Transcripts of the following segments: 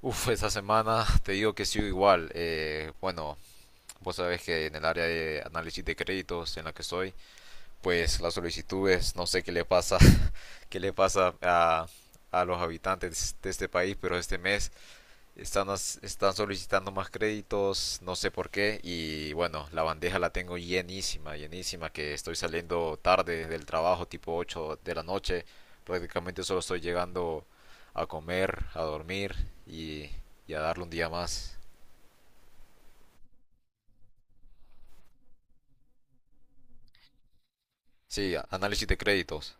Uf, esta semana te digo que sigo igual. Bueno, vos sabés que en el área de análisis de créditos en la que estoy, pues las solicitudes, no sé qué le pasa, qué le pasa a los habitantes de este país, pero este mes están, están solicitando más créditos, no sé por qué. Y bueno, la bandeja la tengo llenísima, llenísima, que estoy saliendo tarde del trabajo, tipo 8 de la noche. Prácticamente solo estoy llegando a comer, a dormir y, y a darle un día más. Sí, análisis de créditos.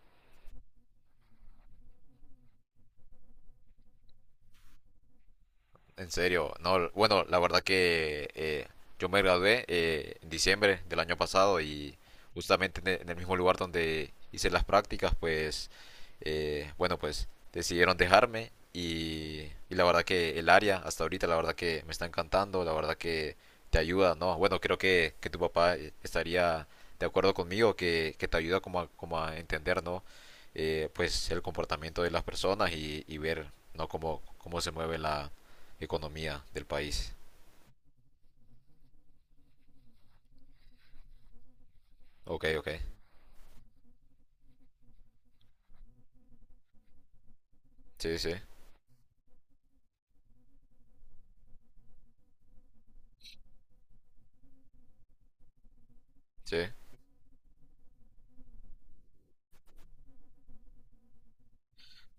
En serio, no, bueno, la verdad que yo me gradué en diciembre del año pasado y justamente en el mismo lugar donde hice las prácticas, pues, bueno, pues decidieron dejarme y la verdad que el área hasta ahorita, la verdad que me está encantando, la verdad que te ayuda, ¿no? Bueno, creo que tu papá estaría de acuerdo conmigo, que te ayuda como a entender, ¿no? Pues el comportamiento de las personas y ver, ¿no? Cómo se mueve economía del país. Ok, ok. Sí, sí, sí.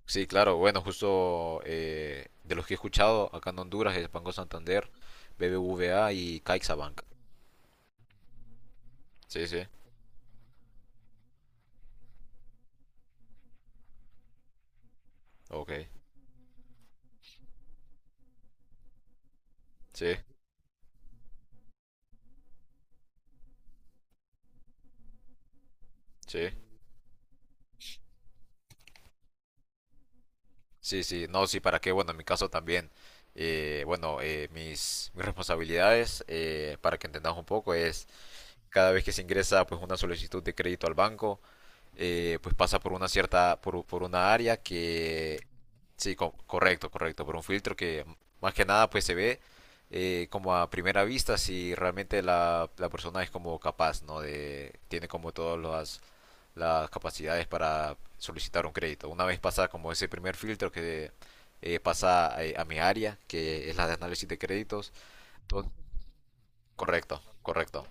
Sí, claro, bueno, justo de los que he escuchado acá en Honduras es Banco Santander, BBVA y CaixaBank. Sí, sí, ok. Sí, sí. Sí, sí, no, sí, ¿para qué? Bueno, en mi caso también. Bueno, mis responsabilidades, para que entendamos un poco, es cada vez que se ingresa pues una solicitud de crédito al banco, pues pasa por una cierta, por una área que correcto, correcto. Por un filtro que más que nada pues se ve como a primera vista si realmente la persona es como capaz, ¿no? De, tiene como todas las capacidades para solicitar un crédito. Una vez pasa como ese primer filtro que pasa a mi área, que es la de análisis de créditos, entonces- correcto, correcto.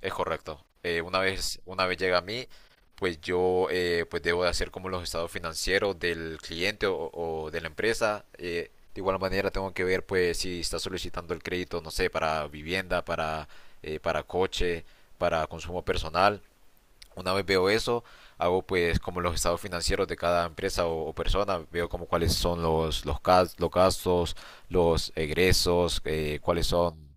Es correcto. Una vez llega a mí, pues yo pues debo de hacer como los estados financieros del cliente o de la empresa. De igual manera tengo que ver pues si está solicitando el crédito, no sé, para vivienda, para coche, para consumo personal. Una vez veo eso, hago pues como los estados financieros de cada empresa o persona, veo como cuáles son los gastos, los egresos, cuáles son.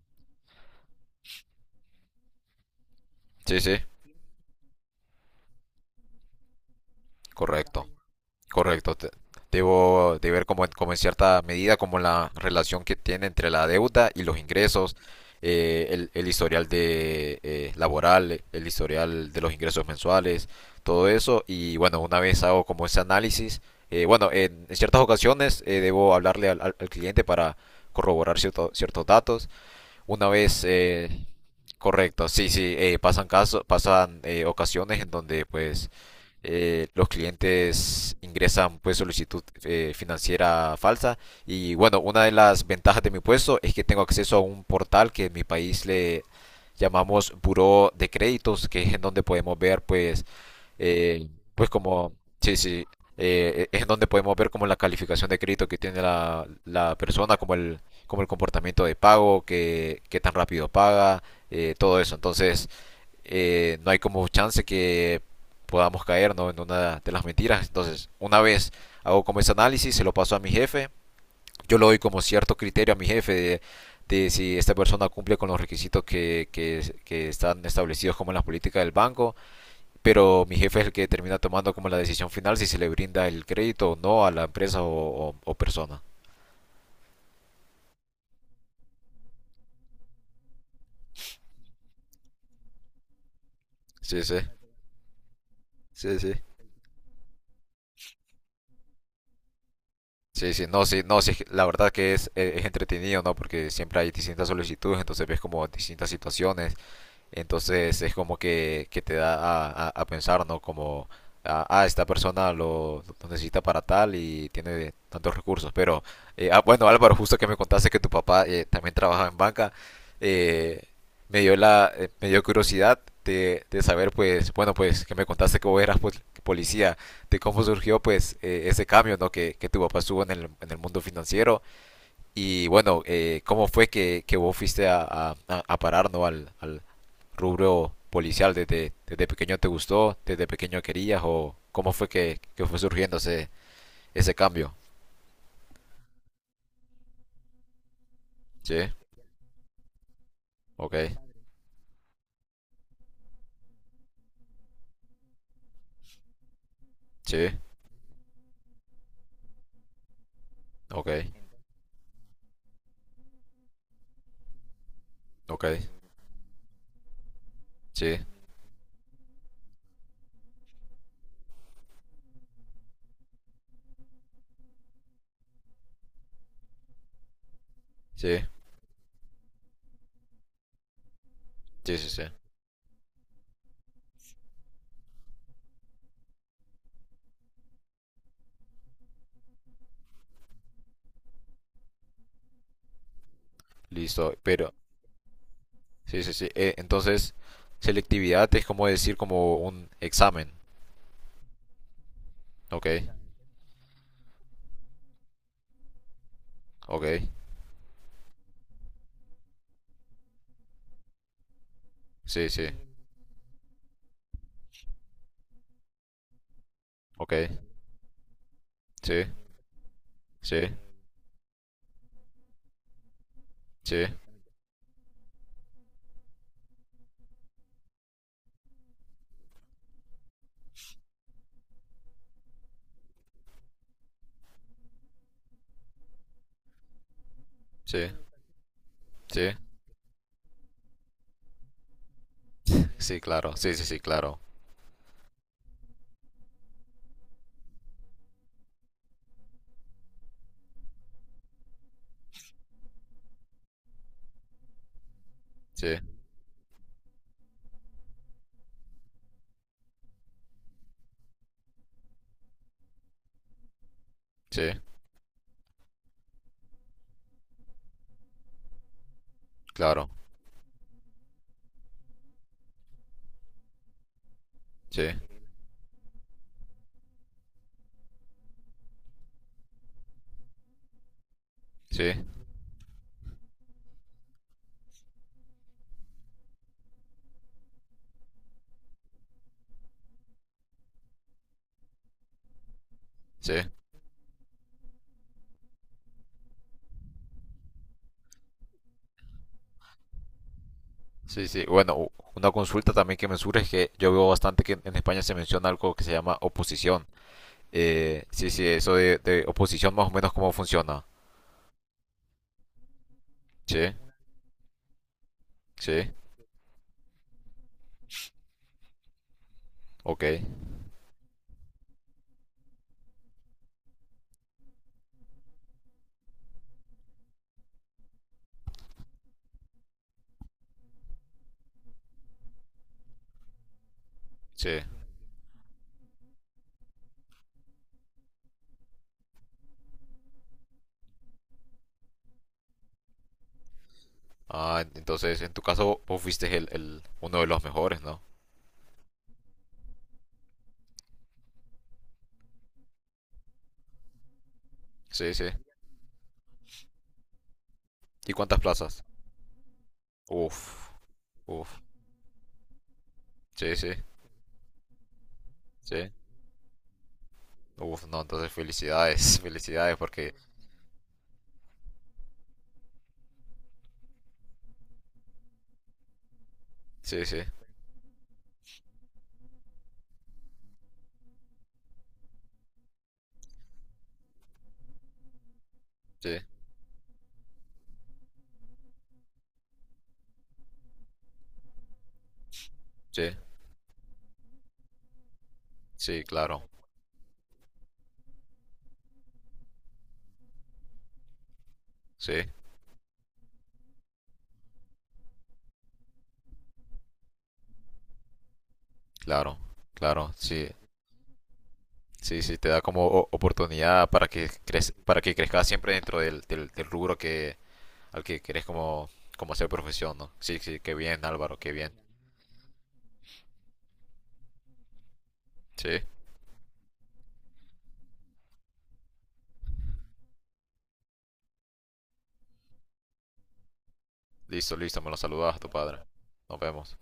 Sí, sí, correcto. Correcto. Debo de ver como, en como en cierta medida como la relación que tiene entre la deuda y los ingresos, el historial de laboral, el historial de los ingresos mensuales, todo eso. Y bueno, una vez hago como ese análisis, bueno, en ciertas ocasiones debo hablarle al cliente para corroborar ciertos datos. Una vez, correcto, sí, sí, pasan casos, pasan ocasiones en donde pues los clientes ingresan pues solicitud financiera falsa y bueno, una de las ventajas de mi puesto es que tengo acceso a un portal que en mi país le llamamos Buró de Créditos, que es en donde podemos ver pues eh, pues como, sí, sí, es en donde podemos ver como la calificación de crédito que tiene la persona, como el comportamiento de pago, que qué tan rápido paga, todo eso. Entonces, no hay como chance que podamos caer, ¿no?, en una de las mentiras. Entonces, una vez hago como ese análisis, se lo paso a mi jefe, yo le doy como cierto criterio a mi jefe de si esta persona cumple con los requisitos que están establecidos como en las políticas del banco, pero mi jefe es el que termina tomando como la decisión final si se le brinda el crédito o no a la empresa o persona. Sí, sí, sí, sí. Sí, sí, no, sí, no, sí, la verdad que es entretenido, ¿no? Porque siempre hay distintas solicitudes, entonces ves como distintas situaciones. Entonces es como que te da a pensar, ¿no? Como, esta persona lo necesita para tal y tiene tantos recursos. Pero, bueno, Álvaro, justo que me contaste que tu papá también trabajaba en banca, eh, me dio curiosidad de saber, pues, bueno, pues, que me contaste que vos eras policía, de cómo surgió, pues, ese cambio, ¿no? Que tu papá estuvo en el mundo financiero y, bueno, cómo fue que vos fuiste a parar, ¿no? Al rubro policial, desde pequeño te gustó, desde pequeño querías, o cómo fue que fue surgiendo ese cambio? Sí, ok, sí, ok, ok, sí, sí, sí, sí, sí, listo, pero sí, sí, sí, entonces selectividad es como decir como un examen, ok, ok, sí, sí, ok, sí, sí, sí, sí, sí, sí, claro, sí, sí, sí, claro, sí, sí, claro, sí, sí, sí, sí, sí. Bueno, una consulta también que me surge es que yo veo bastante que en España se menciona algo que se llama oposición. Sí, sí, ¿eso de oposición más o menos cómo funciona? Sí, sí, ok, sí. ¿Ah, en- entonces en tu caso vos fuiste uno de los mejores, no? Sí, sí. ¿Y cuántas plazas? Uf, uf, sí, sí, sí. Uf, no, entonces felicidades, felicidades porque. Sí, sí, sí, sí, sí, claro, sí, claro, claro, sí. Sí, sí, te da como oportunidad para que para que crezcas siempre dentro del rubro que al que querés como hacer profesión, ¿no? Sí, sí, qué bien, Álvaro, qué bien. Sí, listo, listo, me lo saludas a tu padre. Nos vemos.